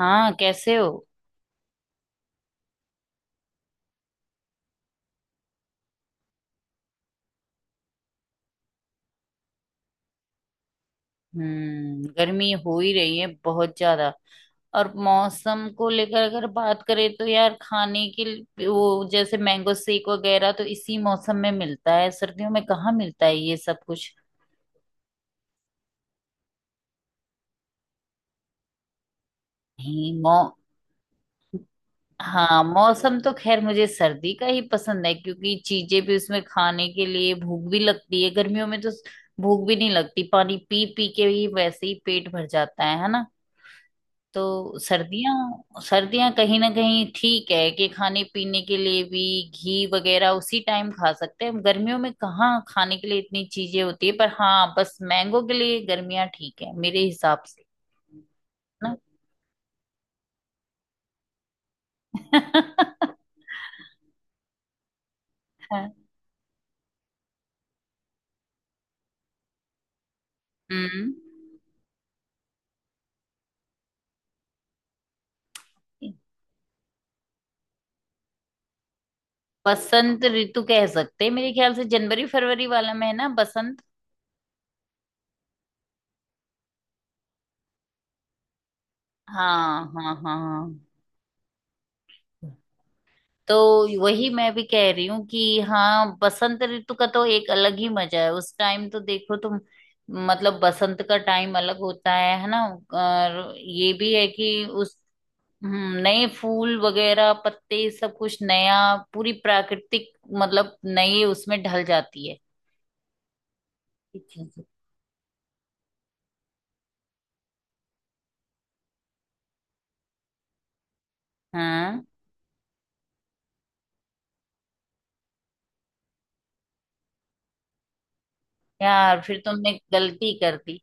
हाँ, कैसे हो? गर्मी हो ही रही है बहुत ज्यादा। और मौसम को लेकर अगर बात करें तो यार, वो जैसे मैंगो शेक वगैरह तो इसी मौसम में मिलता है, सर्दियों में कहाँ मिलता है ये सब कुछ। नहीं। मौ हाँ, मौसम तो खैर मुझे सर्दी का ही पसंद है, क्योंकि चीजें भी उसमें खाने के लिए, भूख भी लगती है। गर्मियों में तो भूख भी नहीं लगती, पानी पी पी के ही वैसे ही पेट भर जाता है ना। तो सर्दियां सर्दियां कहीं ना कहीं ठीक है कि खाने पीने के लिए भी घी वगैरह उसी टाइम खा सकते हैं, गर्मियों में कहाँ खाने के लिए इतनी चीजें होती है। पर हाँ, बस मैंगो के लिए गर्मियां ठीक है मेरे हिसाब से। ना। हम्म बसंत ऋतु कह सकते हैं मेरे ख्याल से, जनवरी फरवरी वाला महीना बसंत। हाँ, हाँ, हाँ, हाँ। तो वही मैं भी कह रही हूँ कि हाँ, बसंत ऋतु का तो एक अलग ही मजा है, उस टाइम तो देखो तुम। मतलब बसंत का टाइम अलग होता है ना। और ये भी है कि उस। नए फूल वगैरह पत्ते सब कुछ नया। पूरी प्राकृतिक मतलब नई उसमें ढल जाती है। जी, जी। हाँ यार, फिर तुमने गलती कर दी।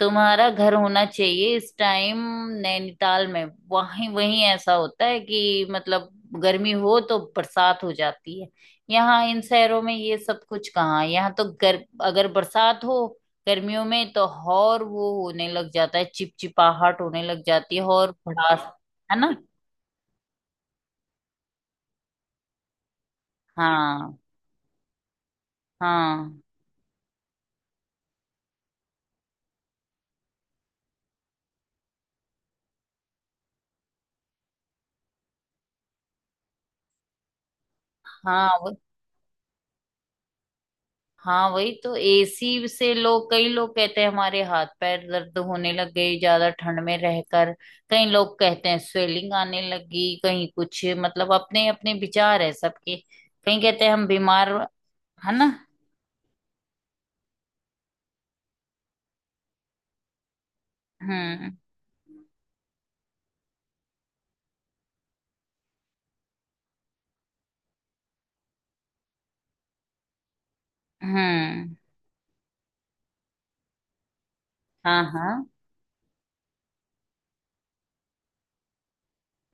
तुम्हारा घर होना चाहिए इस टाइम नैनीताल में। वहीं वहीं ऐसा होता है कि मतलब गर्मी हो तो बरसात हो जाती है। यहाँ इन शहरों में ये सब कुछ कहाँ है। यहाँ तो गर अगर बरसात हो गर्मियों में तो, और वो होने लग जाता है, चिपचिपाहट होने लग जाती है और भड़ास, है ना। हाँ, हाँ, हाँ। हाँ, वही तो, एसी से लोग कई लोग कहते हैं हमारे हाथ पैर दर्द होने लग गए ज्यादा ठंड में रहकर। कई लोग कहते हैं स्वेलिंग आने लगी कहीं कुछ, मतलब अपने अपने विचार है सबके। कहीं कहते हैं हम बीमार, है ना। हम्म, हम्म। हाँ, हाँ।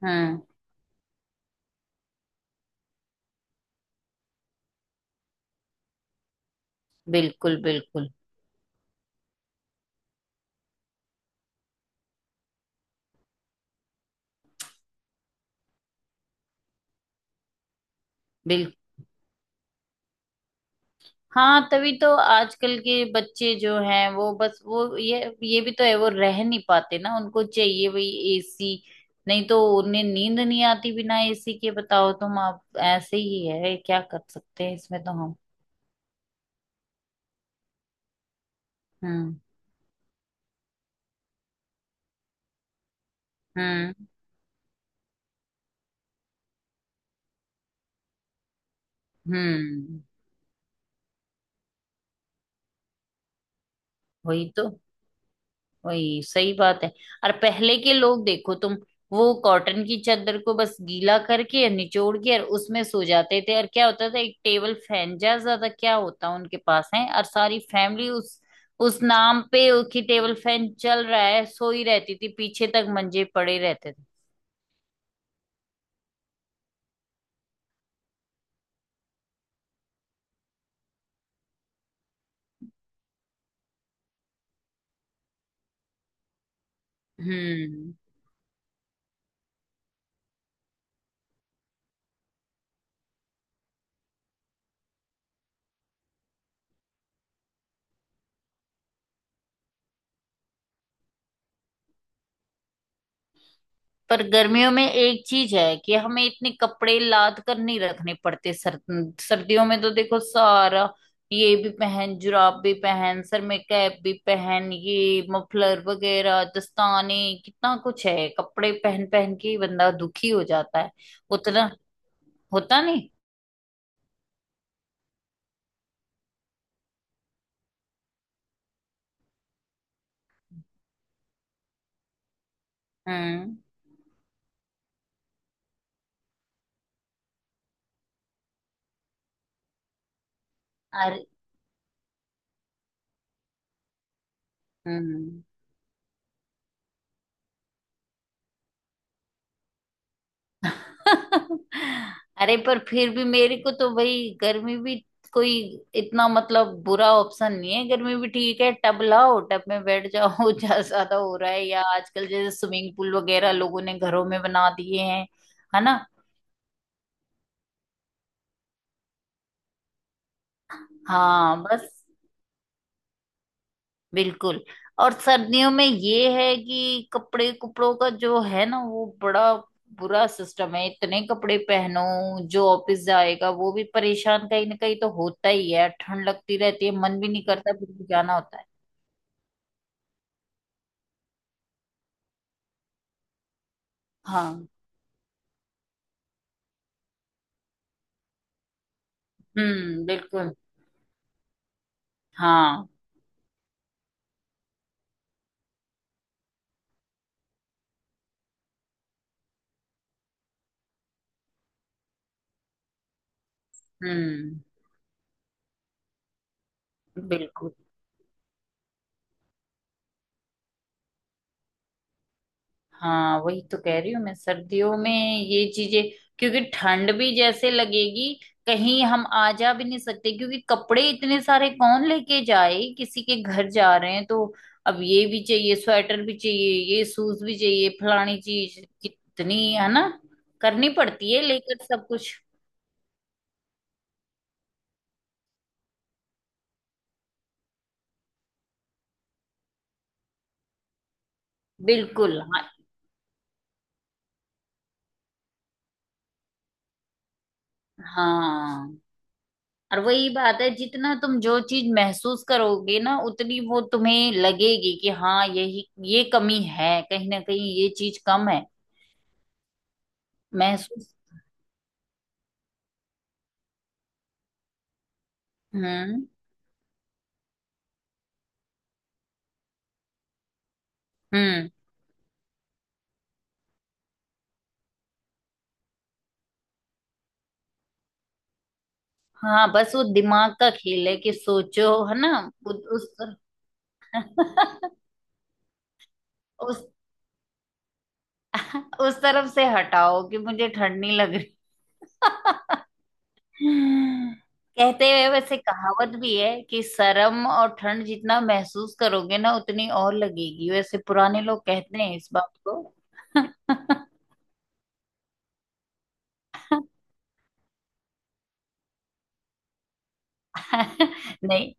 हम्म, बिल्कुल, बिल्कुल, बिल्कुल। हाँ, तभी तो आजकल के बच्चे जो हैं वो बस वो ये भी तो है, वो रह नहीं पाते ना, उनको चाहिए भाई एसी। नहीं तो उन्हें नींद नहीं आती बिना एसी के। बताओ तुम, आप ऐसे ही है, क्या कर सकते हैं इसमें तो हम। हम्म, हम्म, हम्म। वही तो। वही सही बात है। और पहले के लोग देखो तुम, वो कॉटन की चादर को बस गीला करके और निचोड़ के और उसमें सो जाते थे। और क्या होता था, एक टेबल फैन, ज्यादा ज्यादा क्या होता उनके पास है। और सारी फैमिली उस नाम पे कि टेबल फैन चल रहा है, सोई रहती थी पीछे तक, मंजे पड़े रहते थे। हम्म। पर गर्मियों में एक चीज है कि हमें इतने कपड़े लाद कर नहीं रखने पड़ते। सर्दियों में तो देखो, सारा ये भी पहन, जुराब भी पहन, सर में कैप भी पहन, ये मफलर वगैरह दस्ताने, कितना कुछ है। कपड़े पहन पहन के ही बंदा दुखी हो जाता है, उतना होता नहीं। हम्म। अरे। हम्म। अरे, पर फिर भी मेरे को तो भाई, गर्मी भी कोई इतना, मतलब बुरा ऑप्शन नहीं है। गर्मी भी ठीक है, टब लाओ, टब में बैठ जाओ, जहाँ ज्यादा हो रहा है। या आजकल जैसे स्विमिंग पूल वगैरह लोगों ने घरों में बना दिए हैं, है ना। हाँ, बस, बिल्कुल। और सर्दियों में ये है कि कपड़े कपड़ों का जो है ना, वो बड़ा बुरा सिस्टम है, इतने कपड़े पहनो। जो ऑफिस जाएगा वो भी परेशान कहीं ना कहीं तो होता ही है, ठंड लगती रहती है, मन भी नहीं करता फिर भी जाना होता है। हाँ, हम्म, बिल्कुल। हाँ, हम्म, बिल्कुल। हाँ, वही तो कह रही हूँ मैं, सर्दियों में ये चीजें। क्योंकि ठंड भी जैसे लगेगी, कहीं हम आ जा भी नहीं सकते, क्योंकि कपड़े इतने सारे कौन लेके जाए। किसी के घर जा रहे हैं तो अब ये भी चाहिए, स्वेटर भी चाहिए, ये शूज भी चाहिए, फलानी चीज, कितनी है ना। करनी पड़ती है लेकर सब कुछ। बिल्कुल, हाँ, हाँ। और वही बात है, जितना तुम जो चीज महसूस करोगे ना उतनी वो तुम्हें लगेगी कि हाँ यही। ये कमी है कहीं ना कहीं, ये चीज कम है महसूस। हम्म, हम्म, हाँ, बस वो दिमाग का खेल है कि सोचो, है ना। उस। उस उस तरफ से हटाओ कि मुझे ठंड नहीं लग रही। कहते हुए, वैसे कहावत भी है कि शर्म और ठंड जितना महसूस करोगे ना, उतनी और लगेगी। वैसे पुराने लोग कहते हैं इस बात को। नहीं।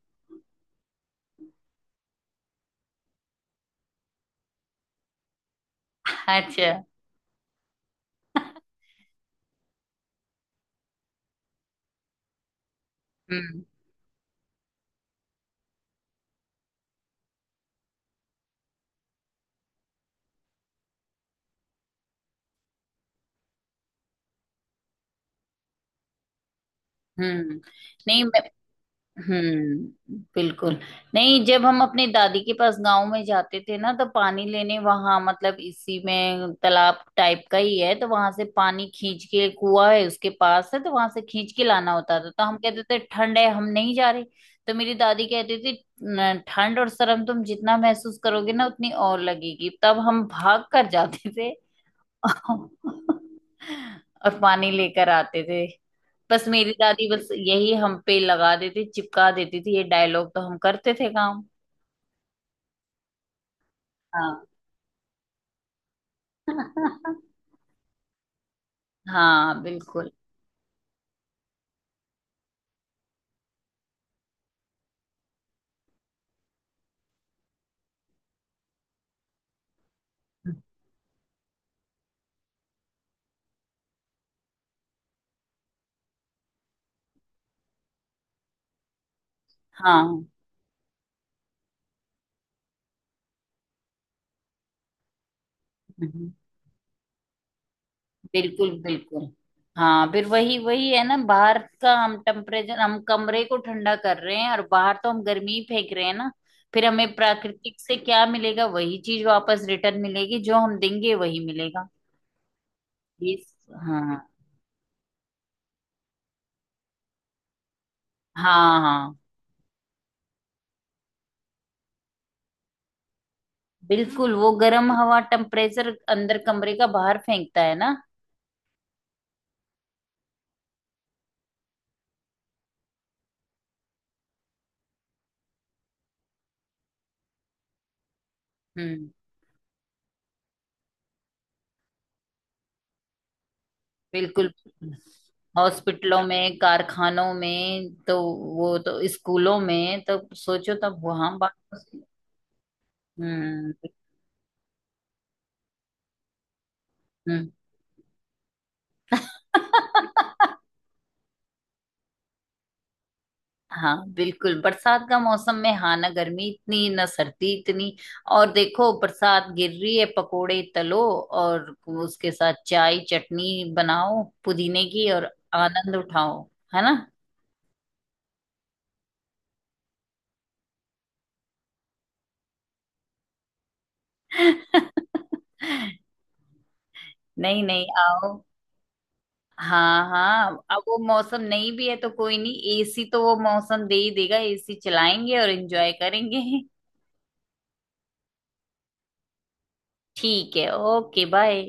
अच्छा। हम्म, हम्म। नहीं। हम्म। बिल्कुल। नहीं, जब हम अपने दादी के पास गांव में जाते थे ना, तो पानी लेने वहां, मतलब इसी में तालाब टाइप का ही है, तो वहां से पानी खींच के, कुआं है उसके पास है, तो वहां से खींच के लाना होता था। तो हम कहते थे ठंड है, हम नहीं जा रहे। तो मेरी दादी कहती थी, "न, ठंड और शर्म तुम जितना महसूस करोगे ना उतनी और लगेगी।" तब हम भाग कर जाते थे। और पानी लेकर आते थे। बस मेरी दादी, बस यही हम पे लगा देती, चिपका देती थी ये डायलॉग, तो हम करते थे काम। हाँ। हाँ, बिल्कुल। हाँ, हम्म, बिल्कुल, बिल्कुल। हाँ, फिर वही वही है ना, बाहर का हम टेम्परेचर, हम कमरे को ठंडा कर रहे हैं और बाहर तो हम गर्मी ही फेंक रहे हैं ना। फिर हमें प्राकृतिक से क्या मिलेगा, वही चीज वापस रिटर्न मिलेगी, जो हम देंगे वही मिलेगा। ये हाँ, हाँ, हाँ, बिल्कुल। वो गर्म हवा टेम्परेचर अंदर कमरे का बाहर फेंकता है ना। हम्म, बिल्कुल। हॉस्पिटलों में, कारखानों में तो, वो तो स्कूलों में तो सोचो तब वहां बात। हम्म, हम्म। हाँ, बिल्कुल, बरसात का मौसम में, हाँ, ना गर्मी इतनी ना सर्दी इतनी। और देखो बरसात गिर रही है, पकोड़े तलो और उसके साथ चाय, चटनी बनाओ पुदीने की और आनंद उठाओ, है ना। नहीं, नहीं, आओ। हाँ, हाँ, अब वो मौसम नहीं भी है तो कोई नहीं, एसी तो वो मौसम दे ही देगा, एसी चलाएंगे और एंजॉय करेंगे। ठीक है, ओके, बाय।